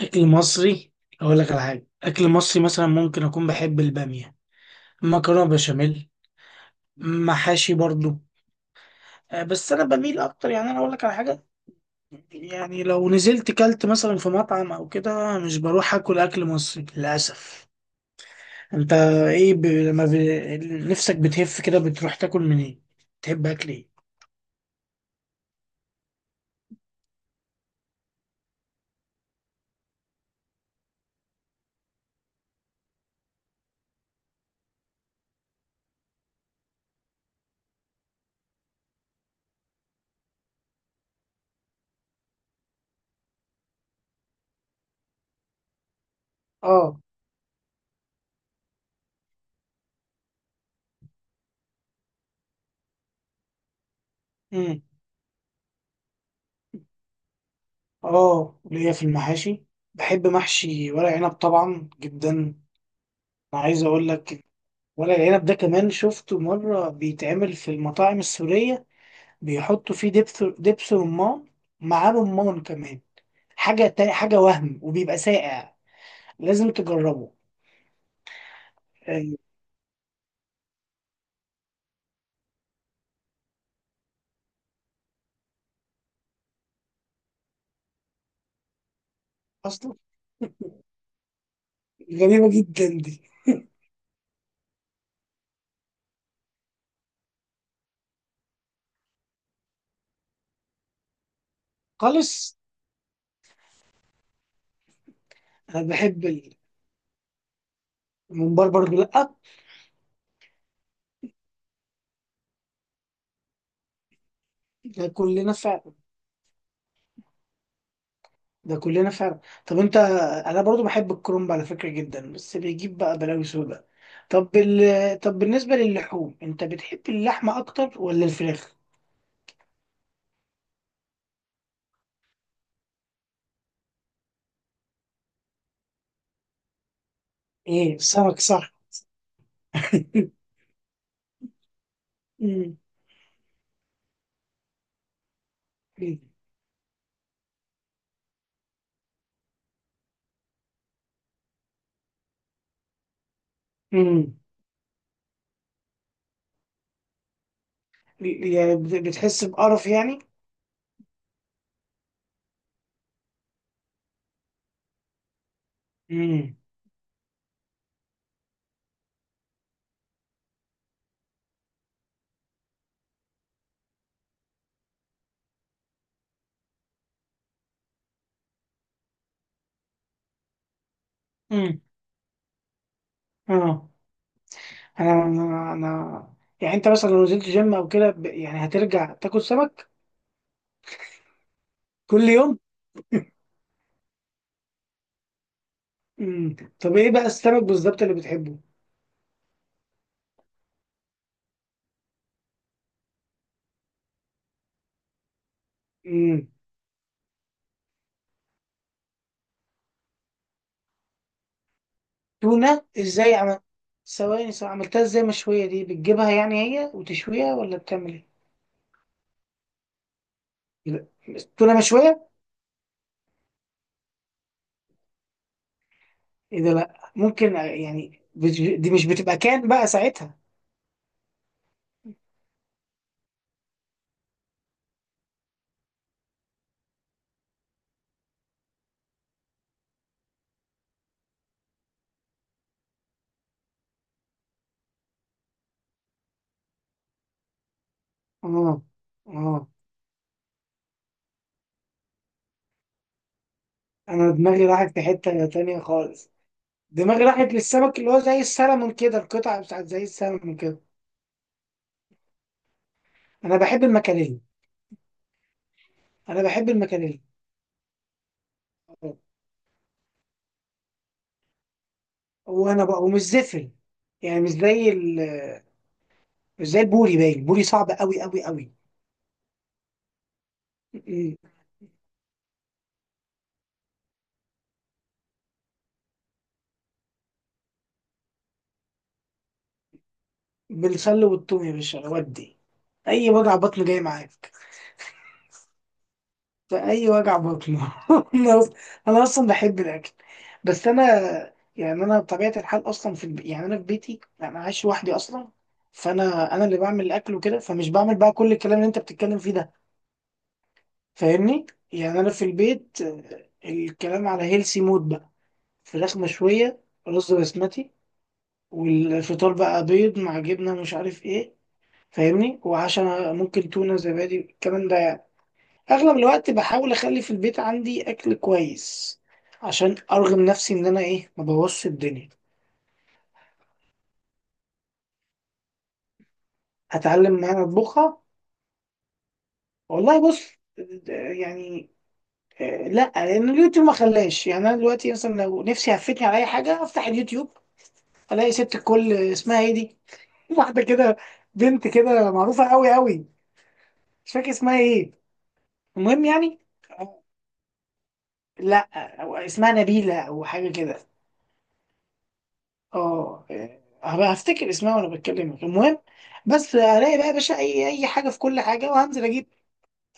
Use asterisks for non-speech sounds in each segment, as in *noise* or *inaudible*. اكل مصري؟ اقول لك على حاجه. اكل مصري مثلا ممكن اكون بحب الباميه، مكرونه بشاميل، محاشي برضو. آه، بس انا بميل اكتر. يعني اقول لك على حاجه، يعني لو نزلت كلت مثلا في مطعم او كده مش بروح اكل اكل مصري للاسف. انت ايه نفسك بتهف كده بتروح تاكل من ايه؟ تحب اكل ايه؟ اه. امم. اه ليا في المحاشي، بحب محشي ورق عنب طبعا جدا. انا عايز اقول لك، ورق العنب ده كمان شفته مرة بيتعمل في المطاعم السورية، بيحطوا فيه دبس رمان، مع رمان كمان. حاجة وهم، وبيبقى ساقع، لازم تجربه. آه، أصلا غريبة جدا دي. خالص. أنا بحب الممبار برضو، لأ. ده كلنا فعلا، ده كلنا فعلا. طب أنت، أنا برضو بحب الكرنب على فكرة جدا، بس بيجيب بقى بلاوي سودا. طب بالنسبة للحوم، أنت بتحب اللحمة أكتر ولا الفراخ؟ ايه، سمك صح. *laughs* امم. امم. يعني بتحس بقرف يعني؟ امم. امم. اه. انا انا أنا- يعني انت مثلا لو نزلت جيم او كده، يعني هترجع تاكل سمك كل يوم؟ امم. طب ايه بقى السمك بالظبط اللي بتحبه؟ امم. تونة، ازاي عمل؟ ثواني ثواني، عملتها ازاي مشوية دي؟ بتجيبها يعني هي وتشويها ولا بتعمل ايه؟ لا، تونة مشوية؟ ايه ده، لا ممكن يعني. دي مش بتبقى كان بقى ساعتها. اه. اه، انا دماغي راحت في حتة تانية خالص. دماغي راحت للسمك اللي هو زي السلمون كده، القطعة بتاعت زي السلمون كده. انا بحب المكاريلي. انا بحب المكاريلي آه. وانا بقى ومش زفر، يعني مش زي مش زي البوري، باين البوري صعب قوي قوي قوي. م- م. بالخل والثوم يا باشا، ودي اي وجع بطن جاي معاك. فأي وجع بطن. *laughs* أنا أص- أنا أصلا بحب الأكل، بس أنا يعني أنا بطبيعة الحال أصلا في يعني أنا في بيتي أنا عايش لوحدي أصلا. فأنا اللي بعمل الأكل وكده، فمش بعمل بقى كل الكلام اللي أنت بتتكلم فيه ده، فاهمني؟ يعني أنا في البيت آه، الكلام على هيلسي مود بقى. فراخ مشوية، رز بسمتي، والفطار بقى بيض مع جبنة مش عارف إيه، فاهمني؟ وعشان ممكن تونة، زبادي، الكلام ده. اغلب الوقت بحاول اخلي في البيت عندي اكل كويس، عشان ارغم نفسي ان انا ايه ما بوظش الدنيا. هتعلم، ما انا اطبخها؟ والله بص، د- يعني آه، لا، لان اليوتيوب ما خلاش. يعني انا دلوقتي مثلا لو نفسي هفتني على اي حاجه افتح اليوتيوب، الاقي ست الكل اسمها ايه دي، *laughs* واحده كده، بنت كده معروفه قوي قوي، مش فاكر اسمها ايه. المهم يعني آه، لا، أو اسمها نبيله او حاجه كده. اه، آه، هبقى هفتكر اسمها وانا بتكلمك. المهم بس هلاقي بقى يا باشا اي حاجه في كل حاجه، وهنزل اجيب،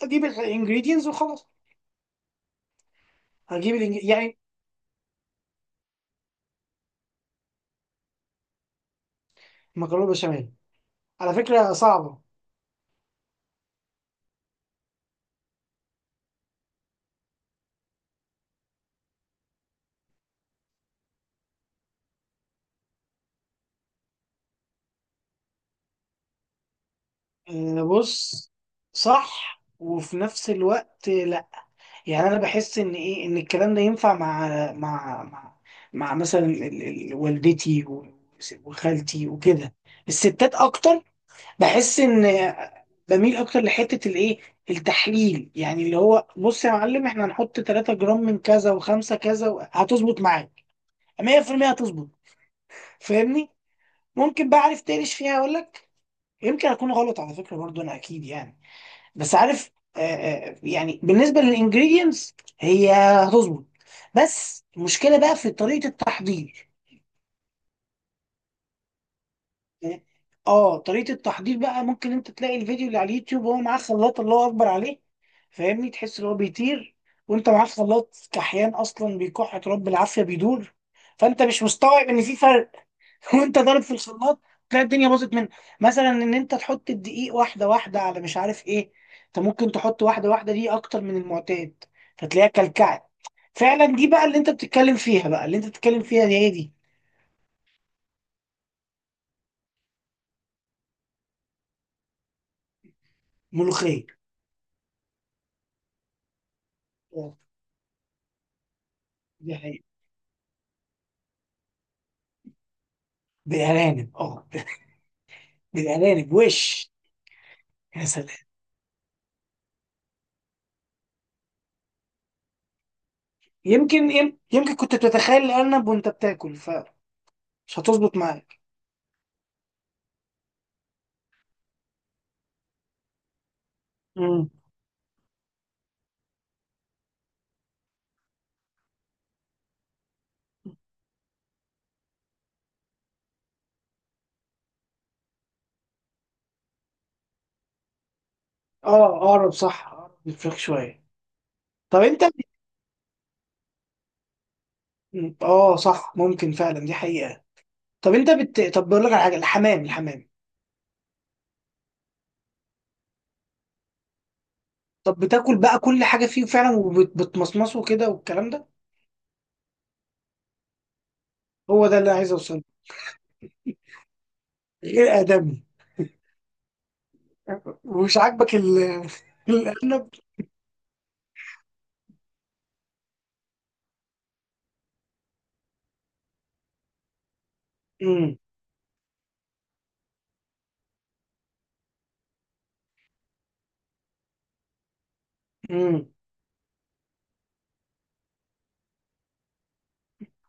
الانجريدينتس وخلاص. يعني مكرونه بشاميل على فكره صعبه. آه، بص، صح وفي نفس الوقت لا. يعني انا بحس ان ايه، ان الكلام ده ينفع مع، مع مع, مع مثلا والدتي وخالتي وكده، الستات اكتر. بحس ان، بميل اكتر لحته الايه، التحليل، يعني اللي هو بص يا معلم احنا هنحط 3 جرام من كذا و5 كذا هتظبط معاك 100% هتظبط، فاهمني؟ ممكن بقى عارف تقلش فيها، اقول لك يمكن اكون غلط على فكره برضو، انا اكيد يعني، بس عارف، يعني بالنسبه للانجريدينتس هي هتظبط، بس المشكله بقى في طريقه التحضير. اه طريقة التحضير بقى ممكن انت تلاقي الفيديو اللي على اليوتيوب وهو معاه خلاط الله اكبر عليه، فاهمني، تحس ان هو بيطير، وانت معاه خلاط كحيان اصلا بيكح تراب، بالعافية بيدور، فانت مش مستوعب ان في فرق. *laughs* وانت ضارب في الخلاط تلاقي الدنيا باظت منك. مثلا ان انت تحط الدقيق واحدة واحدة على مش عارف ايه، انت ممكن تحط واحدة واحدة دي اكتر من المعتاد، فتلاقيها كلكعت. فعلا دي بقى اللي انت بتتكلم فيها، بقى اللي انت بتتكلم فيها دي، هي دي. ملوخية. اه، دي حقيقة. بالارانب اه، بالارانب وش. يا سلام، يمكن كنت بتتخيل الارنب وانت بتاكل فمش هتظبط معاك. امم. اه اقرب صح، اقرب الفراخ شويه. طب انت بت- اه صح، ممكن فعلا دي حقيقه. طب انت طب بقول لك على حاجه، الحمام، الحمام طب بتاكل بقى كل حاجه فيه فعلا، وبتمصمصه كده والكلام ده؟ هو ده اللي عايز اوصله. غير ادمي. ومش عاجبك *laughs* الارنب. امم. امم.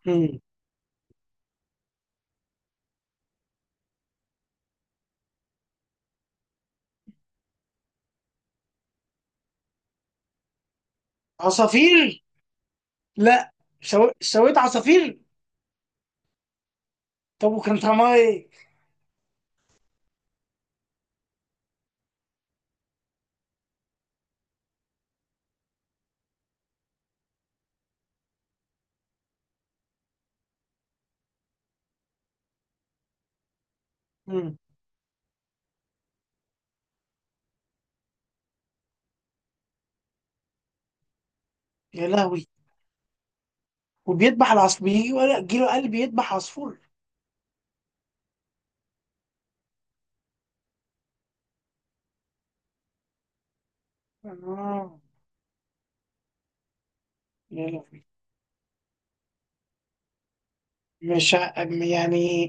امم. عصافير؟ لا. شويت عصافير؟ طب وكان طعمها ايه؟ مم. يا لهوي، وبيذبح العصفور، بيجي ولا جيله قلب يذبح عصفور؟ آه. يا لهوي، مش ع- يعني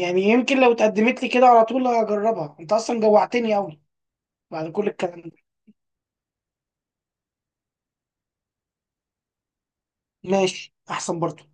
يعني يمكن لو اتقدمت لي كده على طول هجربها، انت اصلا جوعتني قوي. بعد كل الكلام ده ماشي احسن برضه.